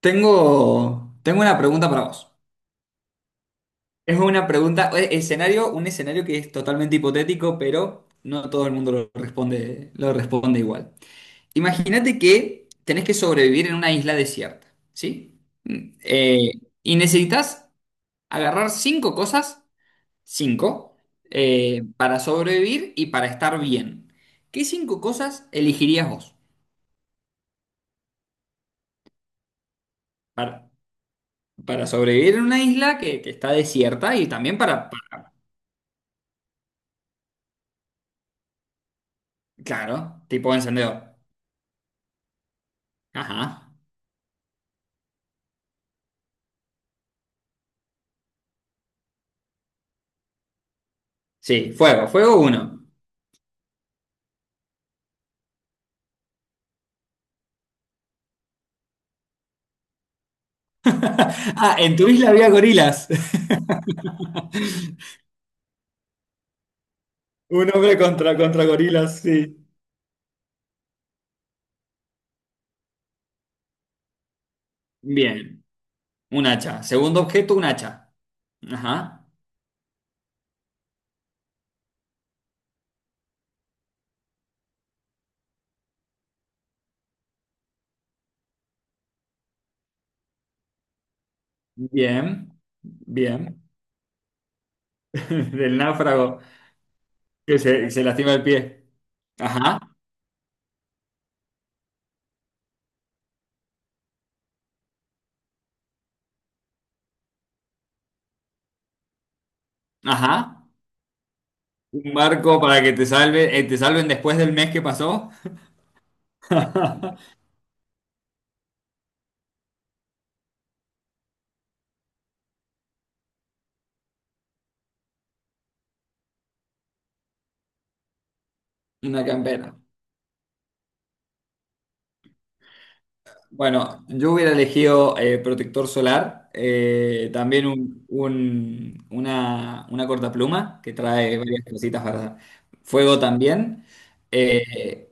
Tengo una pregunta para vos. Es una pregunta, escenario, un escenario que es totalmente hipotético, pero no todo el mundo lo responde igual. Imagínate que tenés que sobrevivir en una isla desierta, ¿sí? Y necesitas agarrar cinco cosas, cinco, para sobrevivir y para estar bien. ¿Qué cinco cosas elegirías vos para, para sobrevivir en una isla que está desierta y también para... Claro, tipo encendedor. Ajá. Sí, fuego, fuego uno. Ah, en tu isla había gorilas. Un hombre contra, contra gorilas, sí. Bien, un hacha. Segundo objeto, un hacha. Ajá. Bien, bien. Del náufrago que se lastima el pie. Ajá, ajá. Un barco para que te salve, te salven después del mes que pasó. Una campera. Bueno, yo hubiera elegido protector solar, también una cortapluma que trae varias cositas para fuego también, eh,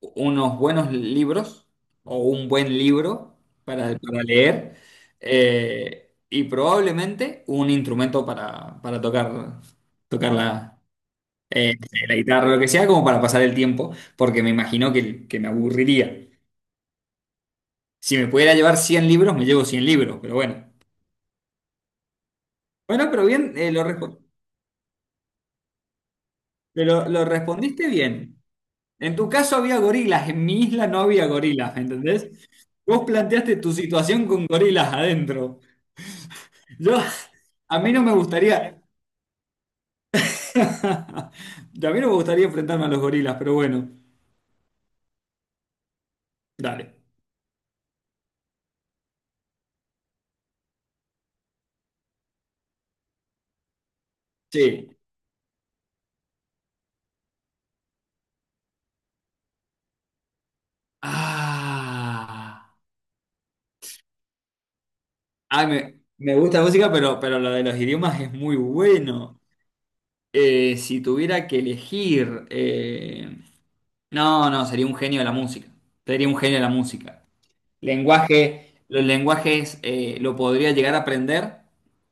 unos buenos libros o un buen libro para leer y probablemente un instrumento para tocar, tocar la, eh, la guitarra, lo que sea, como para pasar el tiempo, porque me imagino que me aburriría. Si me pudiera llevar 100 libros, me llevo 100 libros, pero bueno. Bueno, pero bien, pero lo respondiste bien. En tu caso había gorilas, en mi isla no había gorilas, ¿me entendés? Vos planteaste tu situación con gorilas adentro. Yo, a mí no me gustaría, a mí no me gustaría enfrentarme a los gorilas, pero bueno, dale. Sí. Ah, ay, me gusta la música, pero lo de los idiomas es muy bueno. Si tuviera que elegir, No, no, sería un genio de la música. Sería un genio de la música. Lenguaje, los lenguajes lo podría llegar a aprender,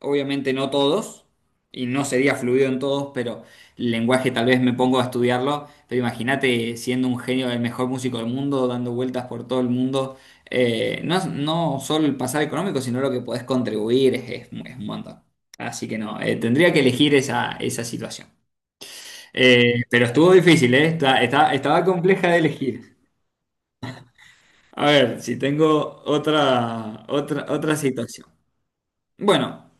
obviamente no todos, y no sería fluido en todos, pero el lenguaje tal vez me pongo a estudiarlo, pero imagínate siendo un genio, el mejor músico del mundo, dando vueltas por todo el mundo, no, no solo el pasar económico, sino lo que podés contribuir es un montón. Así que no, tendría que elegir esa, esa situación. Pero estuvo difícil, ¿eh? Estaba compleja de elegir. A ver, si tengo otra, otra, otra situación. Bueno,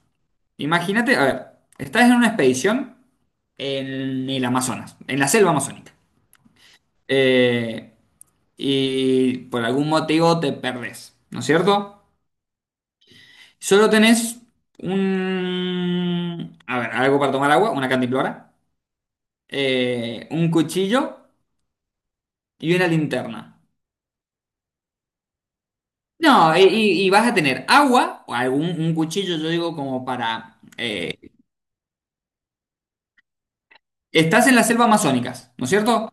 imagínate, a ver, estás en una expedición en el Amazonas, en la selva amazónica. Eh, y por algún motivo te perdés, ¿no es cierto? Solo tenés un, a ver, algo para tomar agua, una cantimplora, un cuchillo y una linterna. No, y vas a tener agua o algún un cuchillo, yo digo, como para estás en la selva amazónicas, ¿no es cierto?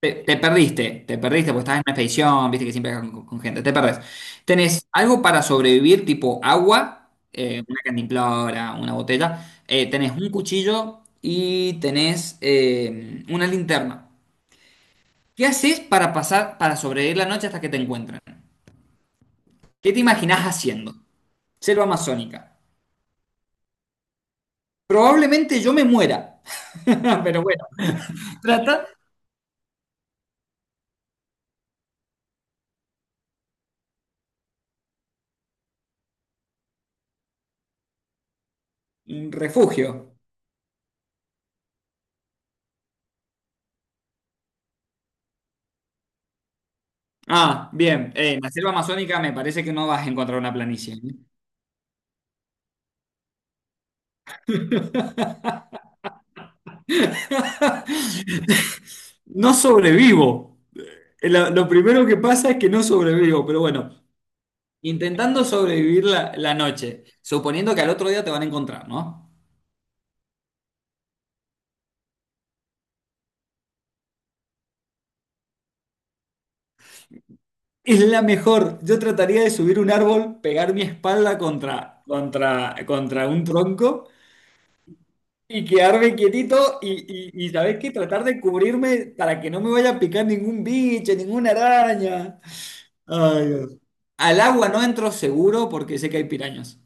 Te, te perdiste porque estás en una expedición, viste que siempre estás con gente, te perdés. ¿Tenés algo para sobrevivir, tipo agua, una cantimplora, una botella? Eh, tenés un cuchillo y tenés una linterna. ¿Qué haces para pasar, para sobrevivir la noche hasta que te encuentren? ¿Qué te imaginás haciendo? Selva amazónica. Probablemente yo me muera, pero bueno, trata... Un refugio. Ah, bien. En la selva amazónica me parece que no vas a encontrar una planicie, ¿eh? No sobrevivo. Lo primero que pasa es que no sobrevivo, pero bueno, intentando sobrevivir la, la noche, suponiendo que al otro día te van a encontrar, ¿no? Es la mejor. Yo trataría de subir un árbol, pegar mi espalda contra, contra, contra un tronco y quedarme quietito y ¿sabés qué? Tratar de cubrirme para que no me vaya a picar ningún bicho, ninguna araña. Ay, Dios. Al agua no entro seguro porque sé que hay pirañas.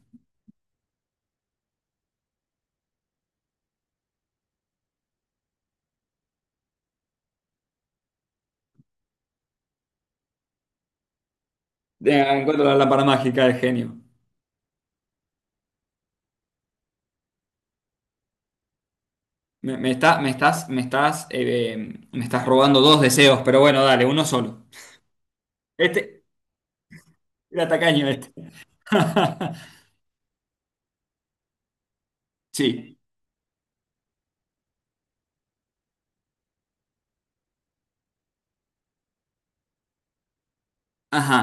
Encuentro la lámpara mágica del genio. Me está- me estás, me estás, me estás robando dos deseos, pero bueno, dale, uno solo. Este, era tacaño este. Sí. Ajá.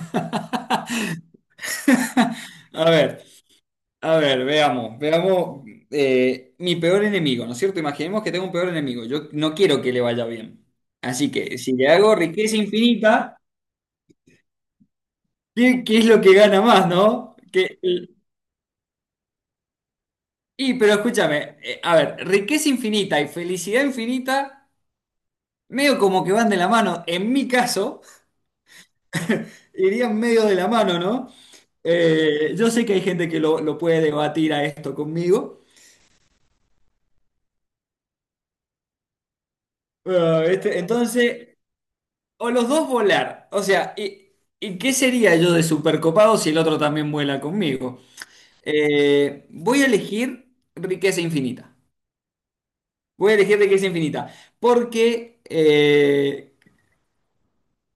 A ver, a ver, veamos, veamos mi peor enemigo, ¿no es cierto? Imaginemos que tengo un peor enemigo. Yo no quiero que le vaya bien. Así que si le hago riqueza infinita, ¿qué, qué es lo que gana más, no? Que, pero escúchame, a ver, riqueza infinita y felicidad infinita, medio como que van de la mano. En mi caso, irían medio de la mano, ¿no? Yo sé que hay gente que lo puede debatir a esto conmigo. Ah, este, entonces, o los dos volar. O sea, y qué sería yo de supercopado si el otro también vuela conmigo? Voy a elegir riqueza infinita. Voy a elegir de que es infinita. Porque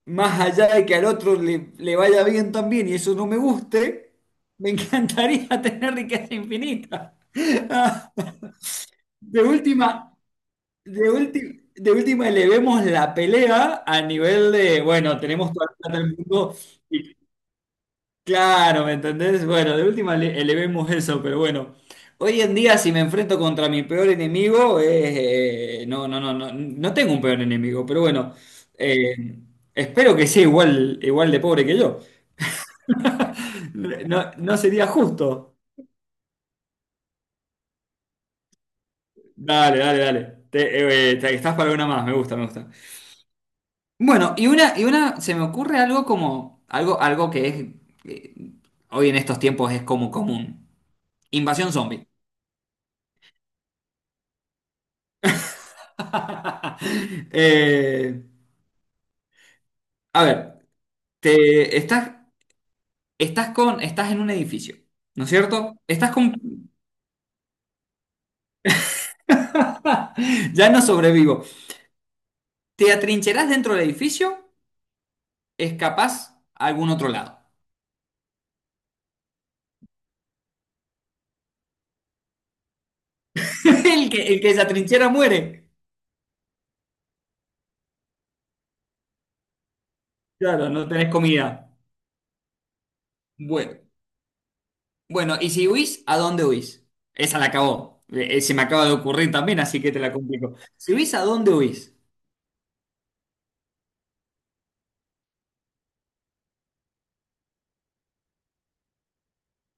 más allá de que al otro le, le vaya bien también y eso no me guste, me encantaría tener riqueza infinita. De última, de última, de última elevemos la pelea a nivel de, bueno, tenemos toda la plata del mundo y... Claro, ¿me entendés? Bueno, de última elevemos eso, pero bueno. Hoy en día, si me enfrento contra mi peor enemigo, no, no, no, no, no tengo un peor enemigo, pero bueno, eh, espero que sea igual, igual de pobre que yo. No, no sería justo. Dale, dale, dale. Estás para una más, me gusta, me gusta. Bueno, y una, se me ocurre algo como, algo, algo que es, eh, hoy en estos tiempos es como común. Invasión zombie. Eh, a ver, te estás, estás con, estás en un edificio, ¿no es cierto? Estás con... ya no sobrevivo. Te atrincherás dentro del edificio, escapás a algún otro lado. El que se atrinchera muere. Claro, no tenés comida. Bueno, bueno, y si huís, ¿a dónde huís? Esa la acabó. Se me acaba de ocurrir también, así que te la complico. Si huís, ¿a dónde huís?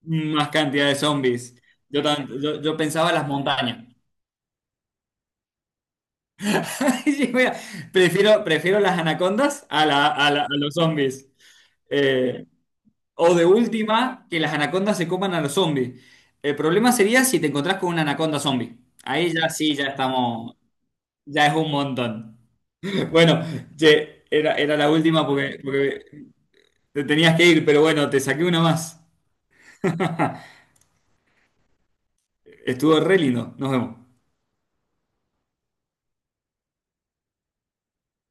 Más cantidad de zombies. Yo, yo pensaba en las montañas. Sí, mira, prefiero, prefiero las anacondas a, a los zombies. Eh, o de última, que las anacondas se coman a los zombies. El problema sería si te encontrás con una anaconda zombie. Ahí ya sí, ya estamos, ya es un montón. Bueno, che, era, era la última porque, porque te tenías que ir, pero bueno, te saqué una más. Estuvo re lindo. Nos vemos.